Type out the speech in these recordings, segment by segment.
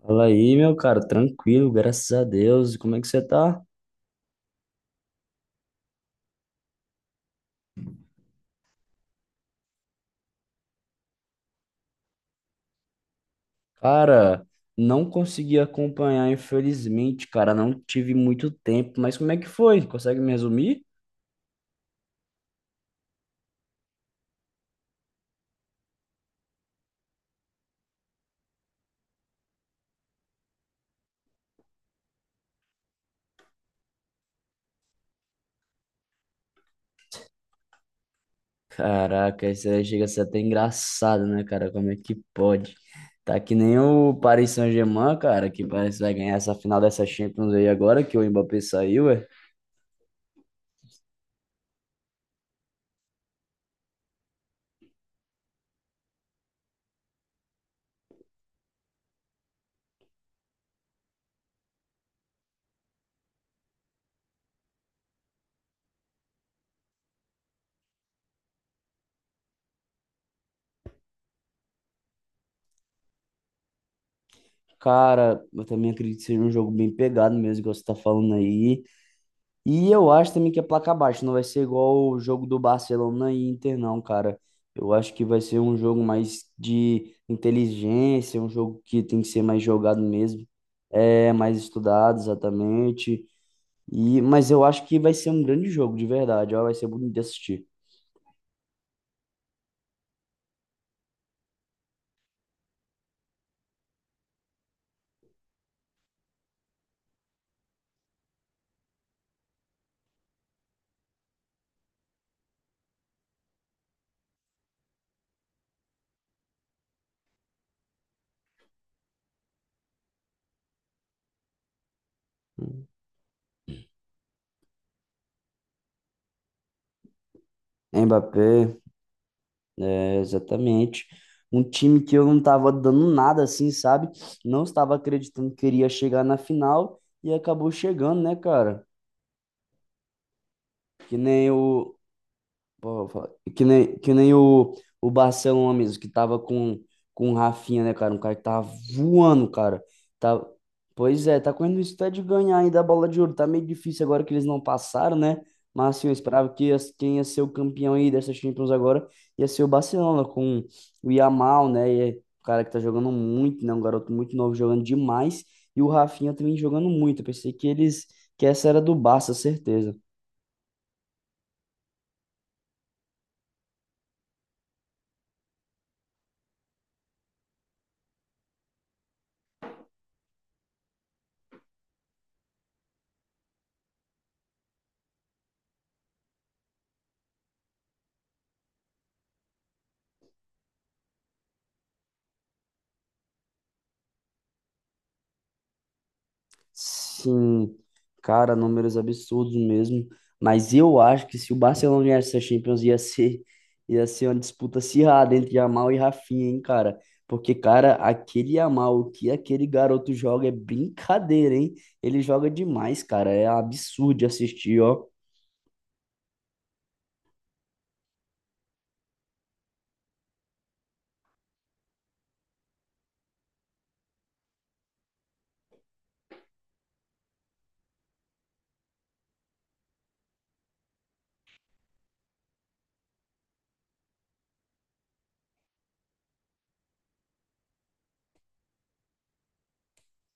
Fala aí, meu cara, tranquilo, graças a Deus. E como é que você tá? Cara, não consegui acompanhar, infelizmente, cara, não tive muito tempo, mas como é que foi? Consegue me resumir? Caraca, isso aí chega a ser até engraçado, né, cara? Como é que pode? Tá que nem o Paris Saint-Germain, cara, que parece que vai ganhar essa final dessa Champions aí agora, que o Mbappé saiu, é. Cara, eu também acredito que seja um jogo bem pegado mesmo, igual você tá falando aí. E eu acho também que é placa baixa, não vai ser igual o jogo do Barcelona e Inter, não, cara. Eu acho que vai ser um jogo mais de inteligência, um jogo que tem que ser mais jogado mesmo, é mais estudado exatamente. E, mas eu acho que vai ser um grande jogo, de verdade, ó, vai ser bonito de assistir. Mbappé, é, exatamente. Um time que eu não estava dando nada assim, sabe? Não estava acreditando que iria chegar na final e acabou chegando, né, cara? Que nem o Pô, vou falar. Que nem o Barcelona mesmo, que tava com o Rafinha, né, cara? Um cara que tava voando, cara. Tá... Pois é, tá correndo isso até de ganhar ainda a bola de ouro. Tá meio difícil agora que eles não passaram, né? Mas assim, eu esperava que as- quem ia ser o campeão aí dessa Champions agora ia ser o Barcelona, com o Yamal, né? E é um cara que tá jogando muito, né? Um garoto muito novo jogando demais. E o Rafinha também jogando muito. Eu pensei que eles, que essa era do Barça, certeza. Sim, cara, números absurdos mesmo. Mas eu acho que se o Barcelona ganhasse essa Champions, ia ser uma disputa acirrada entre Yamal e Rafinha, hein, cara? Porque, cara, aquele Yamal, o que aquele garoto joga é brincadeira, hein? Ele joga demais, cara. É absurdo de assistir, ó.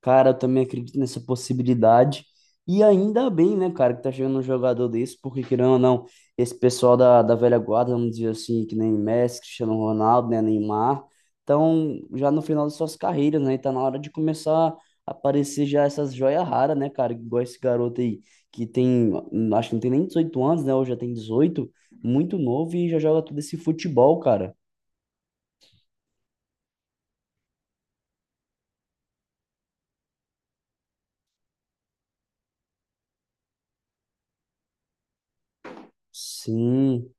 Cara, eu também acredito nessa possibilidade. E ainda bem, né, cara, que tá chegando um jogador desse, porque querendo ou não, esse pessoal da velha guarda, vamos dizer assim, que nem Messi, Cristiano Ronaldo, né, Neymar, estão já no final das suas carreiras, né? E tá na hora de começar a aparecer já essas joias raras, né, cara? Igual esse garoto aí, que tem, acho que não tem nem 18 anos, né? Ou já tem dezoito, muito novo e já joga todo esse futebol, cara. Sim.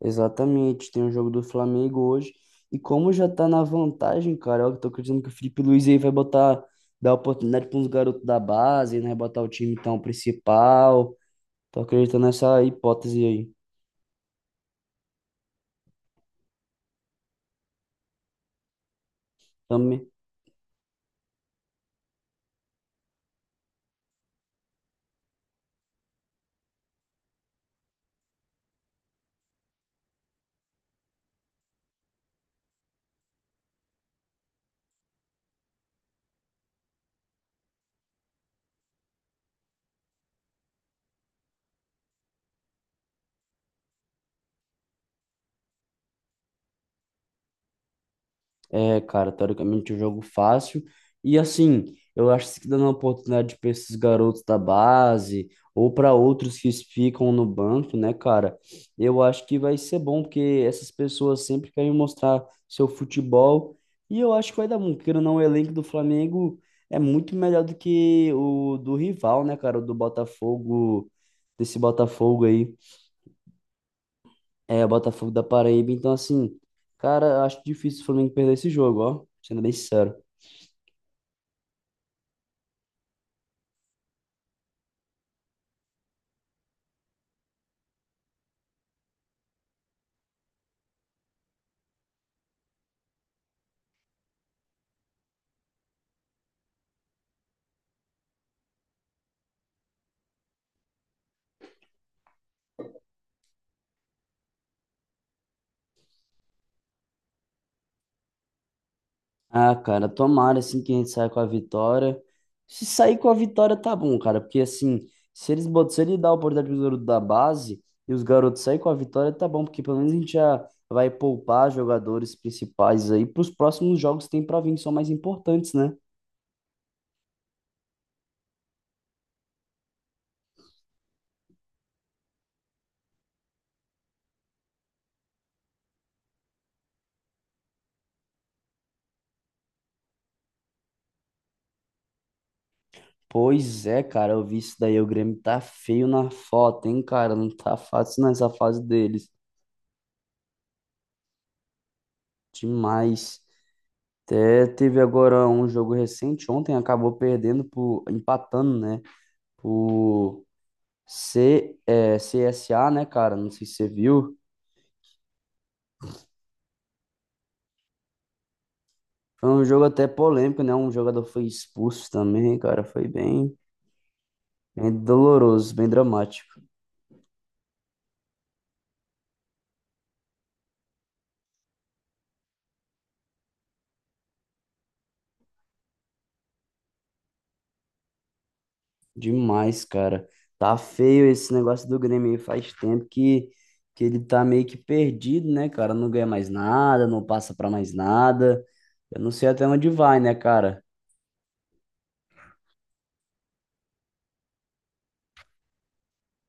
Exatamente, tem o jogo do Flamengo hoje. E como já tá na vantagem, cara, eu tô acreditando que o Felipe Luiz aí vai botar, dar oportunidade para uns garotos da base, né? Botar o time então principal. Tô acreditando nessa hipótese aí. Também. É, cara, teoricamente é um jogo fácil. E assim, eu acho que dando a oportunidade para esses garotos da base ou para outros que ficam no banco, né, cara? Eu acho que vai ser bom, porque essas pessoas sempre querem mostrar seu futebol. E eu acho que vai dar bom, porque não, o elenco do Flamengo é muito melhor do que o do rival, né, cara? O do Botafogo, desse Botafogo aí. É, o Botafogo da Paraíba. Então, assim, cara, eu acho difícil o Flamengo perder esse jogo, ó, sendo bem sincero. Ah, cara, tomara assim que a gente saia com a vitória. Se sair com a vitória, tá bom, cara, porque assim, se eles botam, se ele dá a oportunidade pro garoto da base e os garotos saírem com a vitória, tá bom, porque pelo menos a gente já vai poupar jogadores principais aí pros próximos jogos que tem pra vir, que são mais importantes, né? Pois é, cara, eu vi isso daí, o Grêmio tá feio na foto, hein, cara, não tá fácil nessa fase deles. Demais. Até teve agora um jogo recente, ontem acabou perdendo por empatando, né? O CSA, né, cara? Não sei se você viu. Foi um jogo até polêmico, né? Um jogador foi expulso também, cara. Foi bem, bem doloroso, bem dramático. Demais, cara. Tá feio esse negócio do Grêmio aí. Faz tempo que ele tá meio que perdido, né, cara? Não ganha mais nada, não passa pra mais nada. Eu não sei até onde vai, né, cara?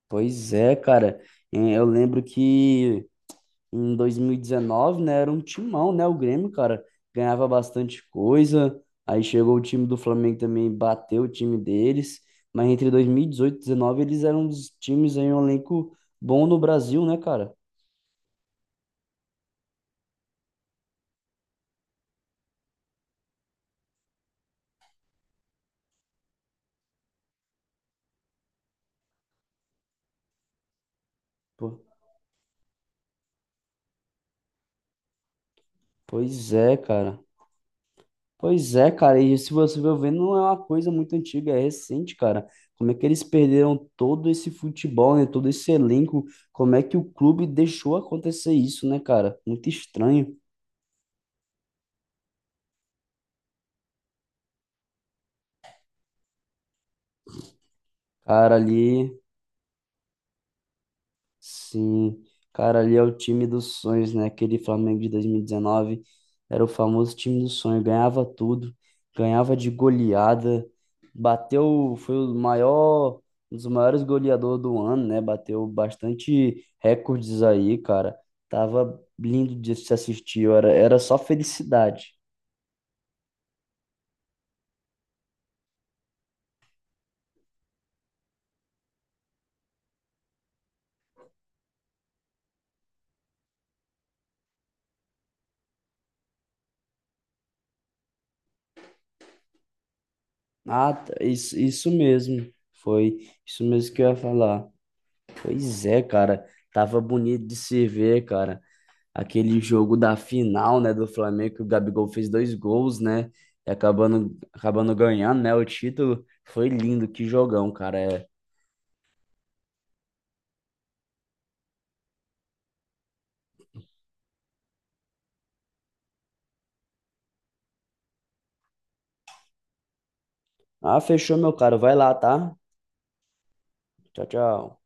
Pois é, cara. Eh, eu lembro que em 2019, né? Era um timão, né? O Grêmio, cara, ganhava bastante coisa. Aí chegou o time do Flamengo também, bateu o time deles. Mas entre dois mil e 2019, eles eram os times aí, um elenco bom no Brasil, né, cara? Pô, pois é, cara. Pois é, cara. E se você for ver, não é uma coisa muito antiga, é recente, cara. Como é que eles perderam todo esse futebol, né? Todo esse elenco. Como é que o clube deixou acontecer isso, né, cara? Muito estranho. Cara, ali... Sim, cara, ali é o time dos sonhos, né? Aquele Flamengo de 2019 era o famoso time do sonho, ganhava tudo, ganhava de goleada, bateu, foi o maior, um dos maiores goleadores do ano, né? Bateu bastante recordes aí, cara. Tava lindo de se assistir, era, era só felicidade. Ah, tá, isso mesmo, foi isso mesmo que eu ia falar. Pois é, cara, tava bonito de se ver, cara. Aquele jogo da final, né, do Flamengo, que o Gabigol fez dois gols, né, e acabando, acabando ganhando, né, o título. Foi lindo, que jogão, cara. É. Ah, fechou, meu caro. Vai lá, tá? Tchau, tchau.